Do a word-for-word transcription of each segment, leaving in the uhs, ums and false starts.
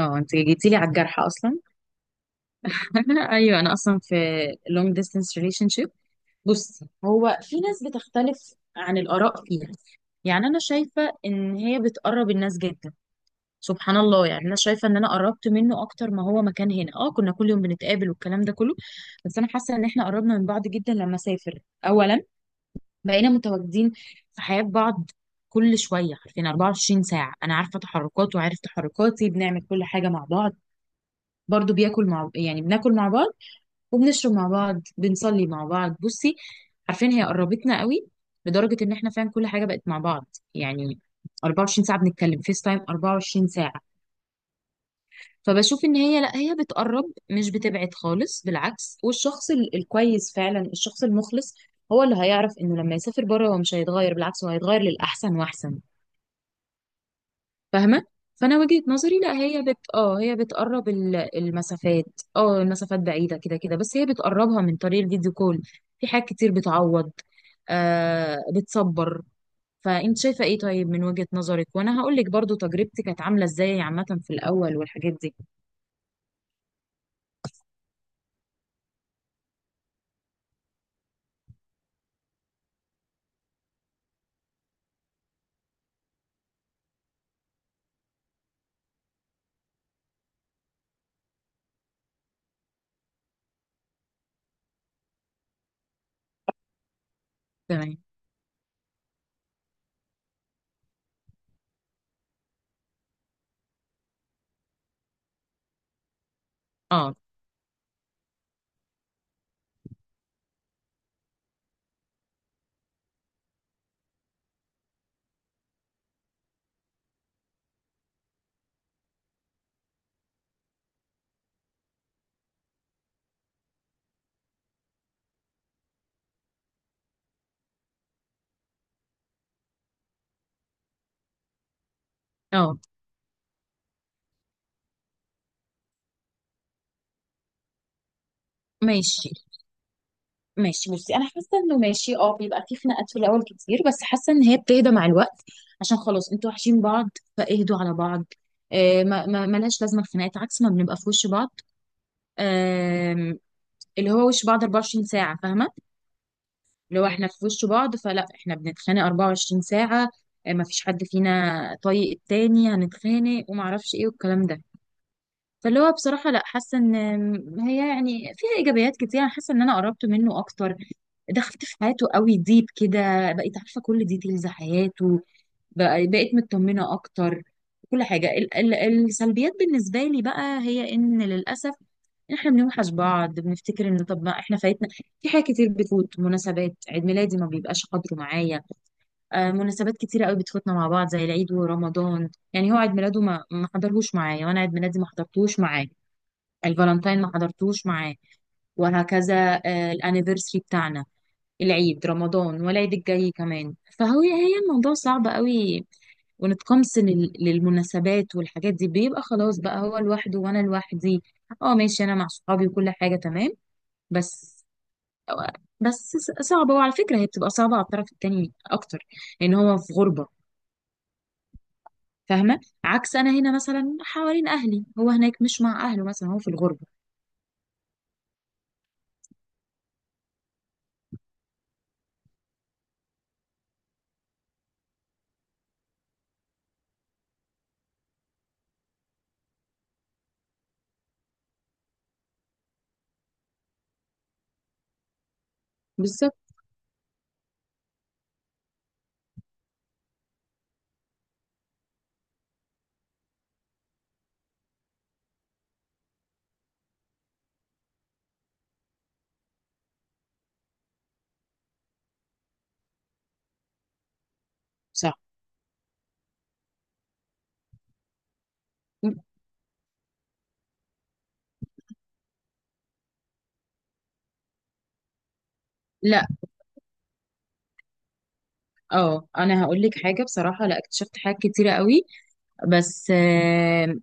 اه، انت جيتي لي على الجرح اصلا. ايوه، انا اصلا في long distance relationship. بصي، هو في ناس بتختلف عن الاراء فيها. يعني انا شايفه ان هي بتقرب الناس جدا، سبحان الله. يعني انا شايفه ان انا قربت منه اكتر ما هو مكان هنا. اه كنا كل يوم بنتقابل والكلام ده كله. بس انا حاسه ان احنا قربنا من بعض جدا لما سافر. اولا، بقينا متواجدين في حياه بعض كل شويه. عارفين اربعة وعشرين ساعه انا عارفه تحركاته وعارف تحركاتي، بنعمل كل حاجه مع بعض. برضو بياكل مع يعني بناكل مع بعض، وبنشرب مع بعض، بنصلي مع بعض. بصي، عارفين هي قربتنا قوي لدرجة ان احنا فعلا كل حاجة بقت مع بعض. يعني اربعة وعشرين ساعة بنتكلم فيس تايم، اربعة وعشرين ساعة. فبشوف ان هي لا، هي بتقرب مش بتبعد خالص، بالعكس. والشخص ال- الكويس فعلا، الشخص المخلص، هو اللي هيعرف انه لما يسافر بره هو مش هيتغير، بالعكس هو هيتغير للأحسن وأحسن. فاهمة؟ فأنا وجهة نظري، لا، هي بت اه هي بتقرب ال- المسافات. اه المسافات بعيدة كده كده، بس هي بتقربها من طريق الفيديو كول. في حاجات كتير بتعوض، آه بتصبر. فأنت شايفة ايه؟ طيب من وجهة نظرك، وأنا هقولك برضو تجربتي كانت عاملة ازاي عامة في الأول والحاجات دي. تمام. اه، اه، ماشي، ماشي. بصي انا حاسه انه ماشي، اه بيبقى في خناقات في الاول كتير، بس حاسه ان هي بتهدى مع الوقت، عشان خلاص انتوا وحشين بعض فاهدوا على بعض. آه ما ما ملاش لازمه الخناقات، عكس ما بنبقى في وش بعض. آه اللي هو وش بعض اربعة وعشرين ساعه، فاهمه؟ اللي هو احنا في وش بعض، فلا احنا بنتخانق اربع وعشرين ساعه. آه ما فيش حد فينا طايق التاني هنتخانق وما اعرفش ايه والكلام ده. فاللي هو بصراحة، لا، حاسة ان هي يعني فيها ايجابيات كتير. انا حاسة ان انا قربت منه اكتر، دخلت في حياته قوي ديب كده، بقيت عارفة كل ديتيلز حياته، بق- بقيت مطمنة اكتر كل حاجة. ال ال السلبيات بالنسبة لي بقى، هي ان للأسف احنا بنوحش بعض، بنفتكر ان طب ما احنا فايتنا في حاجات كتير بتفوت. مناسبات عيد ميلادي ما بيبقاش قدره معايا. آه مناسبات كتيرة قوي بتفوتنا مع بعض، زي العيد ورمضان. يعني هو عيد ميلاده ما ما حضرهوش معايا، وانا عيد ميلادي ما حضرتهوش معاه. الفالنتين ما حضرتوش معاه، وهكذا. آه، الانيفرسري بتاعنا، العيد، رمضان والعيد الجاي كمان. فهو هي الموضوع صعب قوي، ونتقمص لل- للمناسبات والحاجات دي، بيبقى خلاص بقى هو لوحده وانا لوحدي. اه ماشي، انا مع صحابي وكل حاجة تمام، بس بس صعبة. وعلى فكرة، هي بتبقى صعبة على الطرف التاني اكتر، ان هو في غربة. فاهمة؟ عكس انا هنا مثلا حوالين اهلي، هو هناك مش مع اهله مثلا، هو في الغربة. بالظبط. صح. لا. اه، انا هقول لك حاجه بصراحه، لا، اكتشفت حاجات كتيره قوي. بس آه،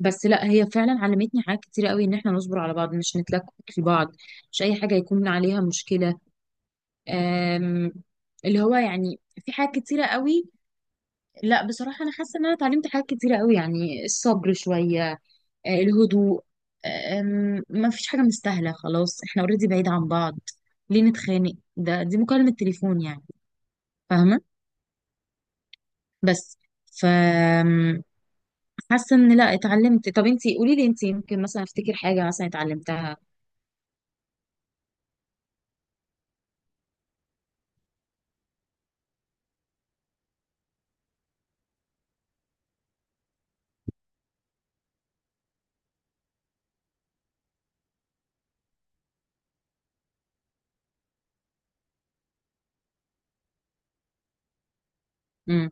بس لا، هي فعلا علمتني حاجات كتيره قوي، ان احنا نصبر على بعض مش نتلكك لبعض، مش اي حاجه يكون عليها مشكله. آم، اللي هو يعني في حاجات كتيره قوي. لا بصراحه، انا حاسه ان انا اتعلمت حاجات كتيره قوي. يعني الصبر شويه، آه، الهدوء. آم، ما فيش حاجه مستاهله، خلاص احنا اوريدي بعيد عن بعض، ليه نتخانق؟ ده دي مكالمه تليفون يعني، فاهمه؟ بس ف حاسه ان لا، اتعلمت. طب انت قولي لي، انت يمكن مثلا افتكر حاجه مثلا اتعلمتها. امم.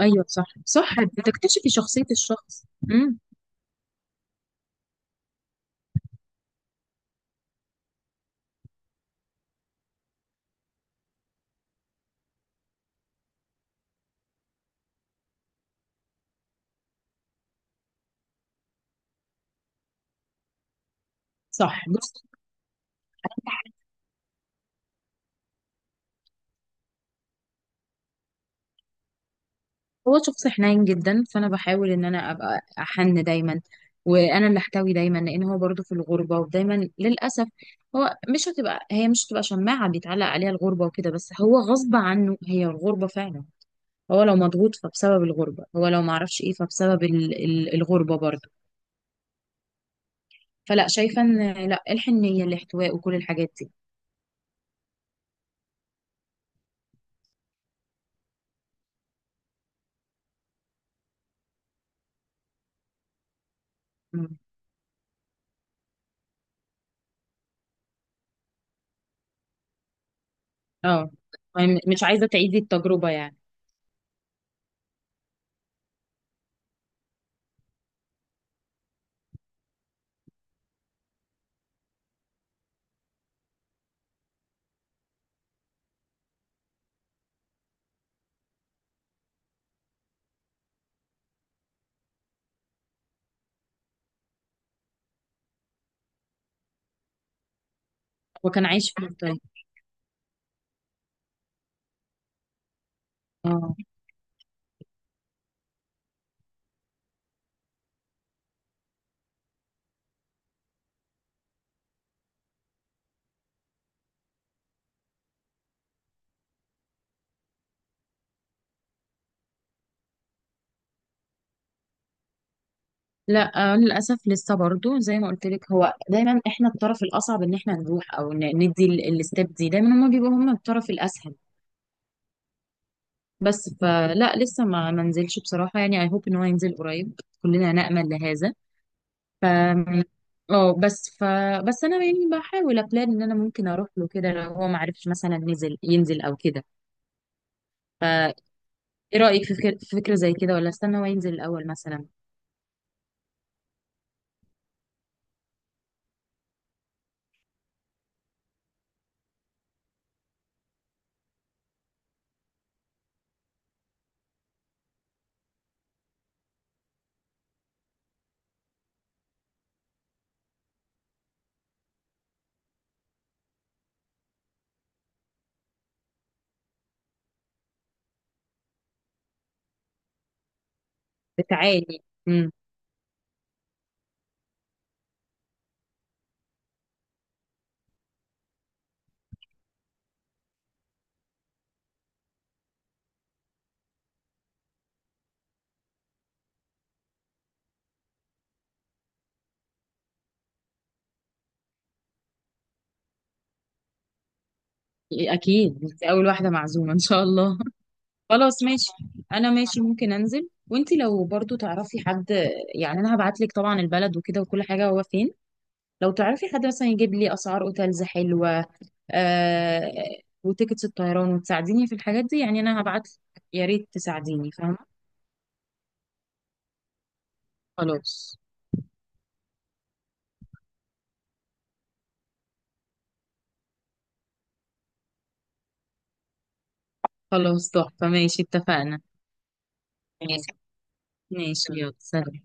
ايوه، صح، صح، بتكتشفي شخصيه الشخص. امم. صح. بص، هو شخص حنين جدا، فانا بحاول ان انا ابقى احن دايما، وانا اللي احتوي دايما، لان هو برضه في الغربه ودايما للاسف. هو مش هتبقى هي مش هتبقى شماعه بيتعلق عليها الغربه وكده، بس هو غصب عنه هي الغربه فعلا. هو لو مضغوط فبسبب الغربه، هو لو معرفش ايه فبسبب ال- ال- الغربه برضه. فلا، شايفه ان لا، الحن، النيه، الاحتواء وكل الحاجات دي. مم. اه، يعني مش عايزه تعيدي التجربه يعني. هو كان عايش في الطيب. اه. لا، آه للاسف لسه برضو زي ما قلت لك، هو دايما، احنا الطرف الاصعب، ان احنا نروح او ن- ندي ال- الستيب دي. دايما هما بيبقوا هما الطرف الاسهل، بس فلا لسه ما منزلش بصراحه. يعني اي هوب ان هو ينزل قريب، كلنا نامل لهذا. ف اه بس ف بس انا يعني بحاول ابلان ان انا ممكن اروح له كده، لو هو ما عرفش مثلا نزل ينزل او كده. ايه رأيك في فكرة في فكرة زي كده، ولا استنى هو ينزل الأول مثلا؟ تعالي. امم. اكيد انت اول واحدة معزومة ان شاء الله. خلاص ماشي. انا ماشي، ممكن انزل، وانت لو برضو تعرفي حد، يعني انا هبعت لك طبعا البلد وكده وكل حاجة هو فين. لو تعرفي حد مثلا يجيب لي اسعار اوتيلز حلوة، آه وتيكتس الطيران، وتساعديني في الحاجات دي. يعني انا هبعت، يا ريت تساعديني، فاهمة؟ خلاص. خلاص، تحفة، ماشي، اتفقنا. ماشي. ماشي، يلا سلام.